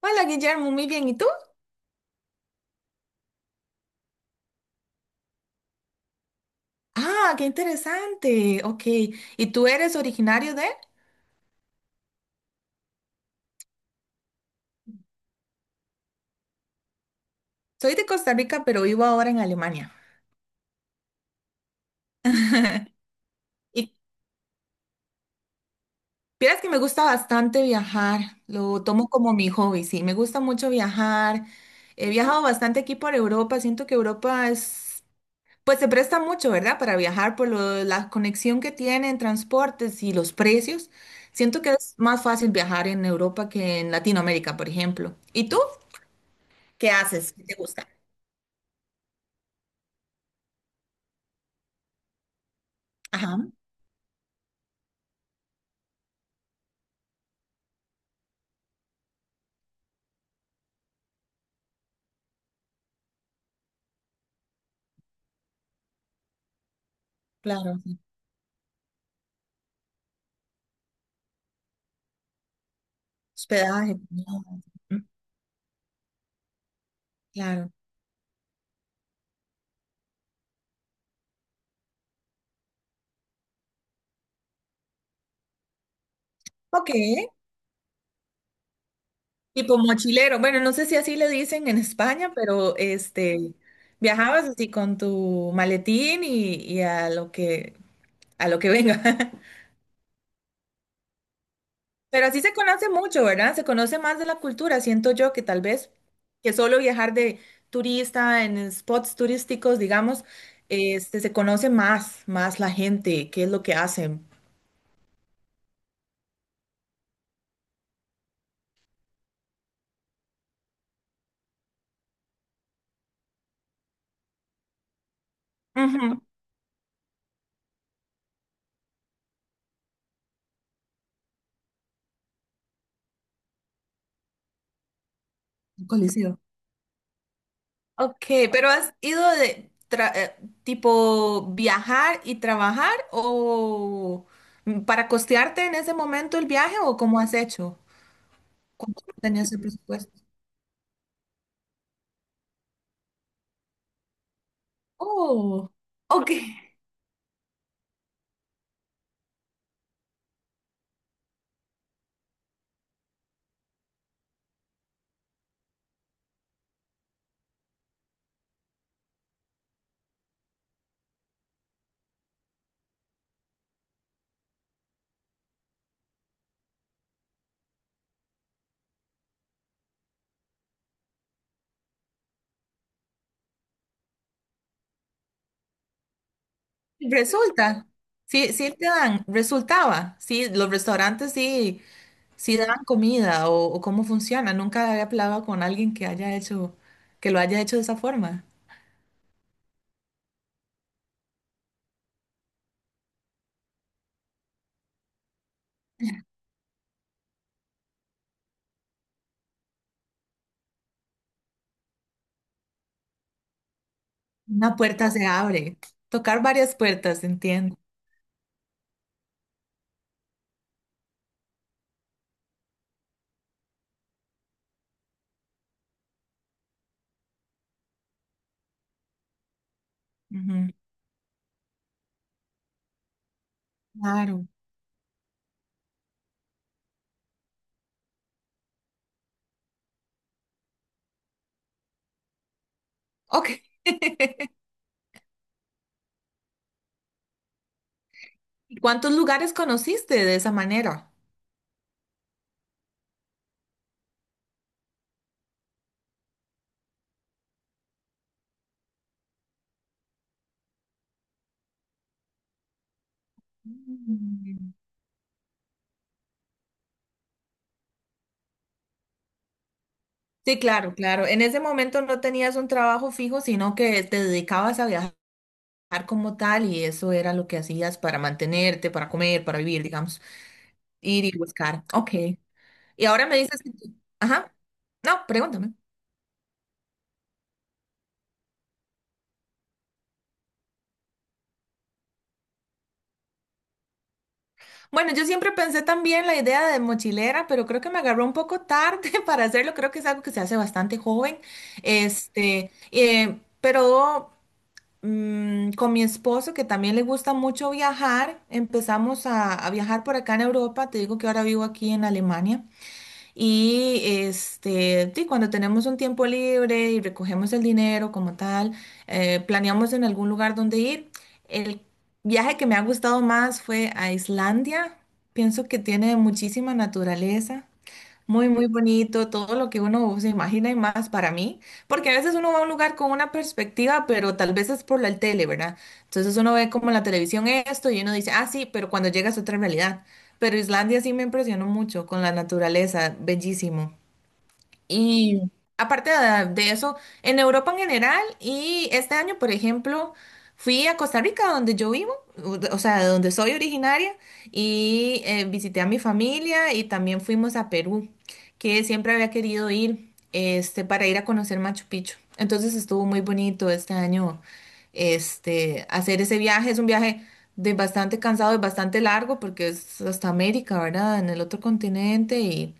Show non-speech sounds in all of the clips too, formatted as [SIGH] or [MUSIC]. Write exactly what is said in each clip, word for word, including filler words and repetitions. Hola Guillermo, muy bien. ¿Y tú? Ah, qué interesante. Ok. ¿Y tú eres originario de? Soy de Costa Rica, pero vivo ahora en Alemania. [LAUGHS] Y vieras que me gusta bastante viajar. Lo tomo como mi hobby, sí. Me gusta mucho viajar. He viajado bastante aquí por Europa. Siento que Europa es, pues se presta mucho, ¿verdad? Para viajar por lo- la conexión que tiene en transportes y los precios. Siento que es más fácil viajar en Europa que en Latinoamérica, por ejemplo. ¿Y tú? ¿Qué haces? ¿Qué te gusta? Ajá, claro, sí. Hospedaje, comida, mm, claro. Ok, tipo mochilero. Bueno, no sé si así le dicen en España, pero este, viajabas así con tu maletín y, y a lo que, a lo que venga. [LAUGHS] Pero así se conoce mucho, ¿verdad? Se conoce más de la cultura. Siento yo que tal vez que solo viajar de turista en spots turísticos, digamos, este, se conoce más, más la gente, qué es lo que hacen. Ujú. El Coliseo. Ok, pero ¿has ido de tra- eh, tipo viajar y trabajar o mm, para costearte en ese momento el viaje o cómo has hecho? ¿Cuánto tenías el presupuesto? Oh, ok. Resulta. Sí, sí te dan, resultaba. Sí, los restaurantes sí, sí dan comida o, o cómo funciona. Nunca había hablado con alguien que haya hecho, que lo haya hecho de esa forma. Una puerta se abre. Tocar varias puertas, entiendo. Ujú, claro. Ok. [LAUGHS] ¿Cuántos lugares conociste de esa manera? Mm. Sí, claro, claro. En ese momento no tenías un trabajo fijo, sino que te dedicabas a viajar como tal y eso era lo que hacías para mantenerte, para comer, para vivir, digamos, ir y buscar. Ok. Y ahora me dices que tú- Ajá. No, pregúntame. Bueno, yo siempre pensé también la idea de mochilera, pero creo que me agarró un poco tarde [LAUGHS] para hacerlo. Creo que es algo que se hace bastante joven. Este, eh, pero mm, con mi esposo, que también le gusta mucho viajar, empezamos a, a viajar por acá en Europa. Te digo que ahora vivo aquí en Alemania. Y este, sí, cuando tenemos un tiempo libre y recogemos el dinero como tal, eh, planeamos en algún lugar donde ir. El viaje que me ha gustado más fue a Islandia. Pienso que tiene muchísima naturaleza. Muy, muy bonito, todo lo que uno se imagina y más para mí, porque a veces uno va a un lugar con una perspectiva, pero tal vez es por la tele, ¿verdad? Entonces uno ve como en la televisión esto y uno dice, ah, sí, pero cuando llegas a otra realidad. Pero Islandia sí me impresionó mucho con la naturaleza, bellísimo. Y aparte de de eso, en Europa en general y este año, por ejemplo, fui a Costa Rica, donde yo vivo, o de- o sea, de donde soy originaria, y eh, visité a mi familia y también fuimos a Perú, que siempre había querido ir este, para ir a conocer Machu Picchu. Entonces estuvo muy bonito este año este, hacer ese viaje. Es un viaje de bastante cansado y bastante largo porque es hasta América, ¿verdad? En el otro continente y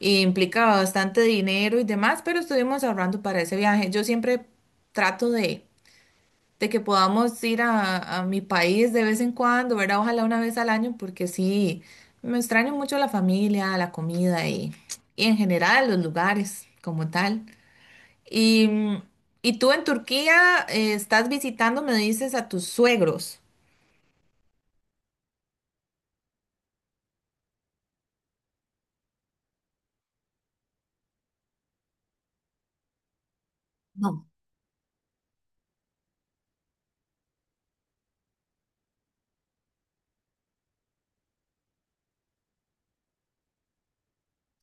y implicaba bastante dinero y demás, pero estuvimos ahorrando para ese viaje. Yo siempre trato de, de que podamos ir a, a mi país de vez en cuando, ¿verdad? Ojalá una vez al año, porque sí, me extraño mucho la familia, la comida y, y en general los lugares como tal. Y, mm, y tú en Turquía eh, estás visitando, me dices, a tus suegros. No.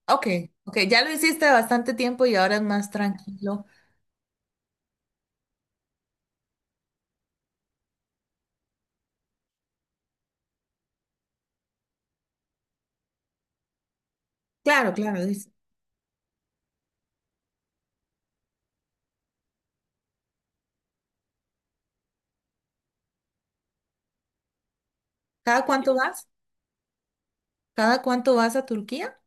Ok, ok, ya lo hiciste bastante tiempo y ahora es más tranquilo. Claro, claro, dice, ¿cada cuánto vas? ¿Cada cuánto vas a Turquía?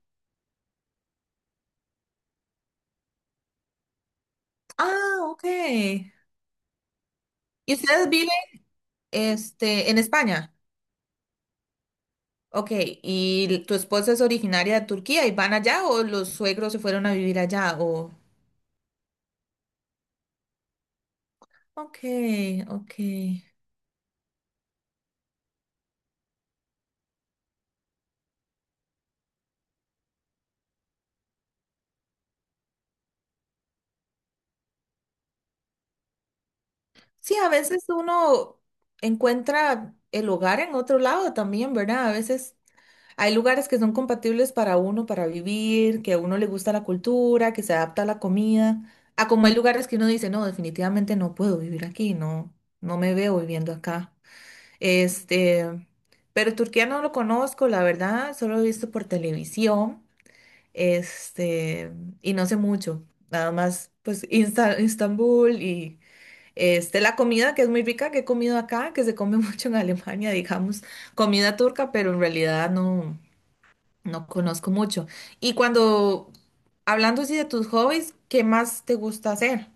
Ah, ok. ¿Y ustedes viven este, en España? Ok. ¿Y tu esposa es originaria de Turquía y van allá o los suegros se fueron a vivir allá? O... Ok, ok. Sí, a veces uno encuentra el hogar en otro lado también, ¿verdad? A veces hay lugares que son compatibles para uno, para vivir, que a uno le gusta la cultura, que se adapta a la comida, a como hay lugares que uno dice, no, definitivamente no puedo vivir aquí, no, no me veo viviendo acá. Este, pero Turquía no lo conozco, la verdad, solo lo he visto por televisión, este, y no sé mucho, nada más, pues, Insta- Istambul y, este, la comida que es muy rica que he comido acá, que se come [LAUGHS] mucho en Alemania, digamos, comida turca, pero en realidad no. No conozco mucho. Y cuando, hablando así de tus hobbies, ¿qué más te gusta hacer?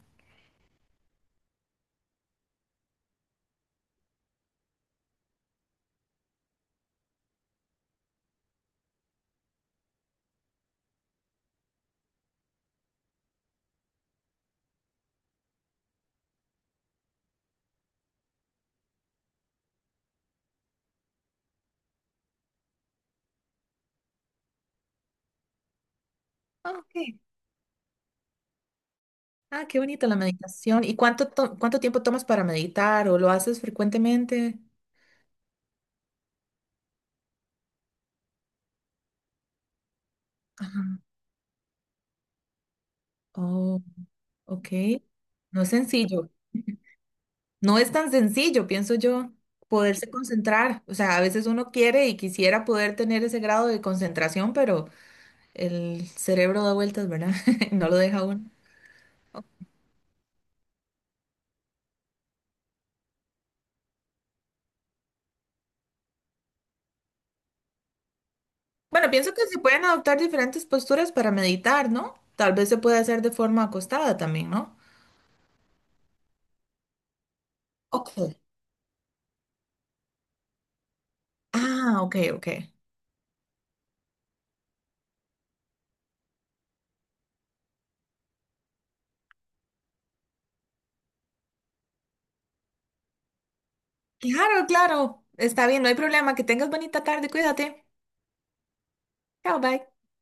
Ah, ok. Ah, qué bonito la meditación. ¿Y cuánto, to- cuánto tiempo tomas para meditar o lo haces frecuentemente? Ajá. Oh, ok. No es sencillo. No es tan sencillo, pienso yo, poderse concentrar. O sea, a veces uno quiere y quisiera poder tener ese grado de concentración, pero el cerebro da vueltas, ¿verdad? [LAUGHS] No lo deja uno. Bueno, pienso que se pueden adoptar diferentes posturas para meditar, ¿no? Tal vez se puede hacer de forma acostada también, ¿no? Ok. Ah, ok, ok. Claro, claro. Está bien, no hay problema. Que tengas bonita tarde, cuídate. Chao, bye.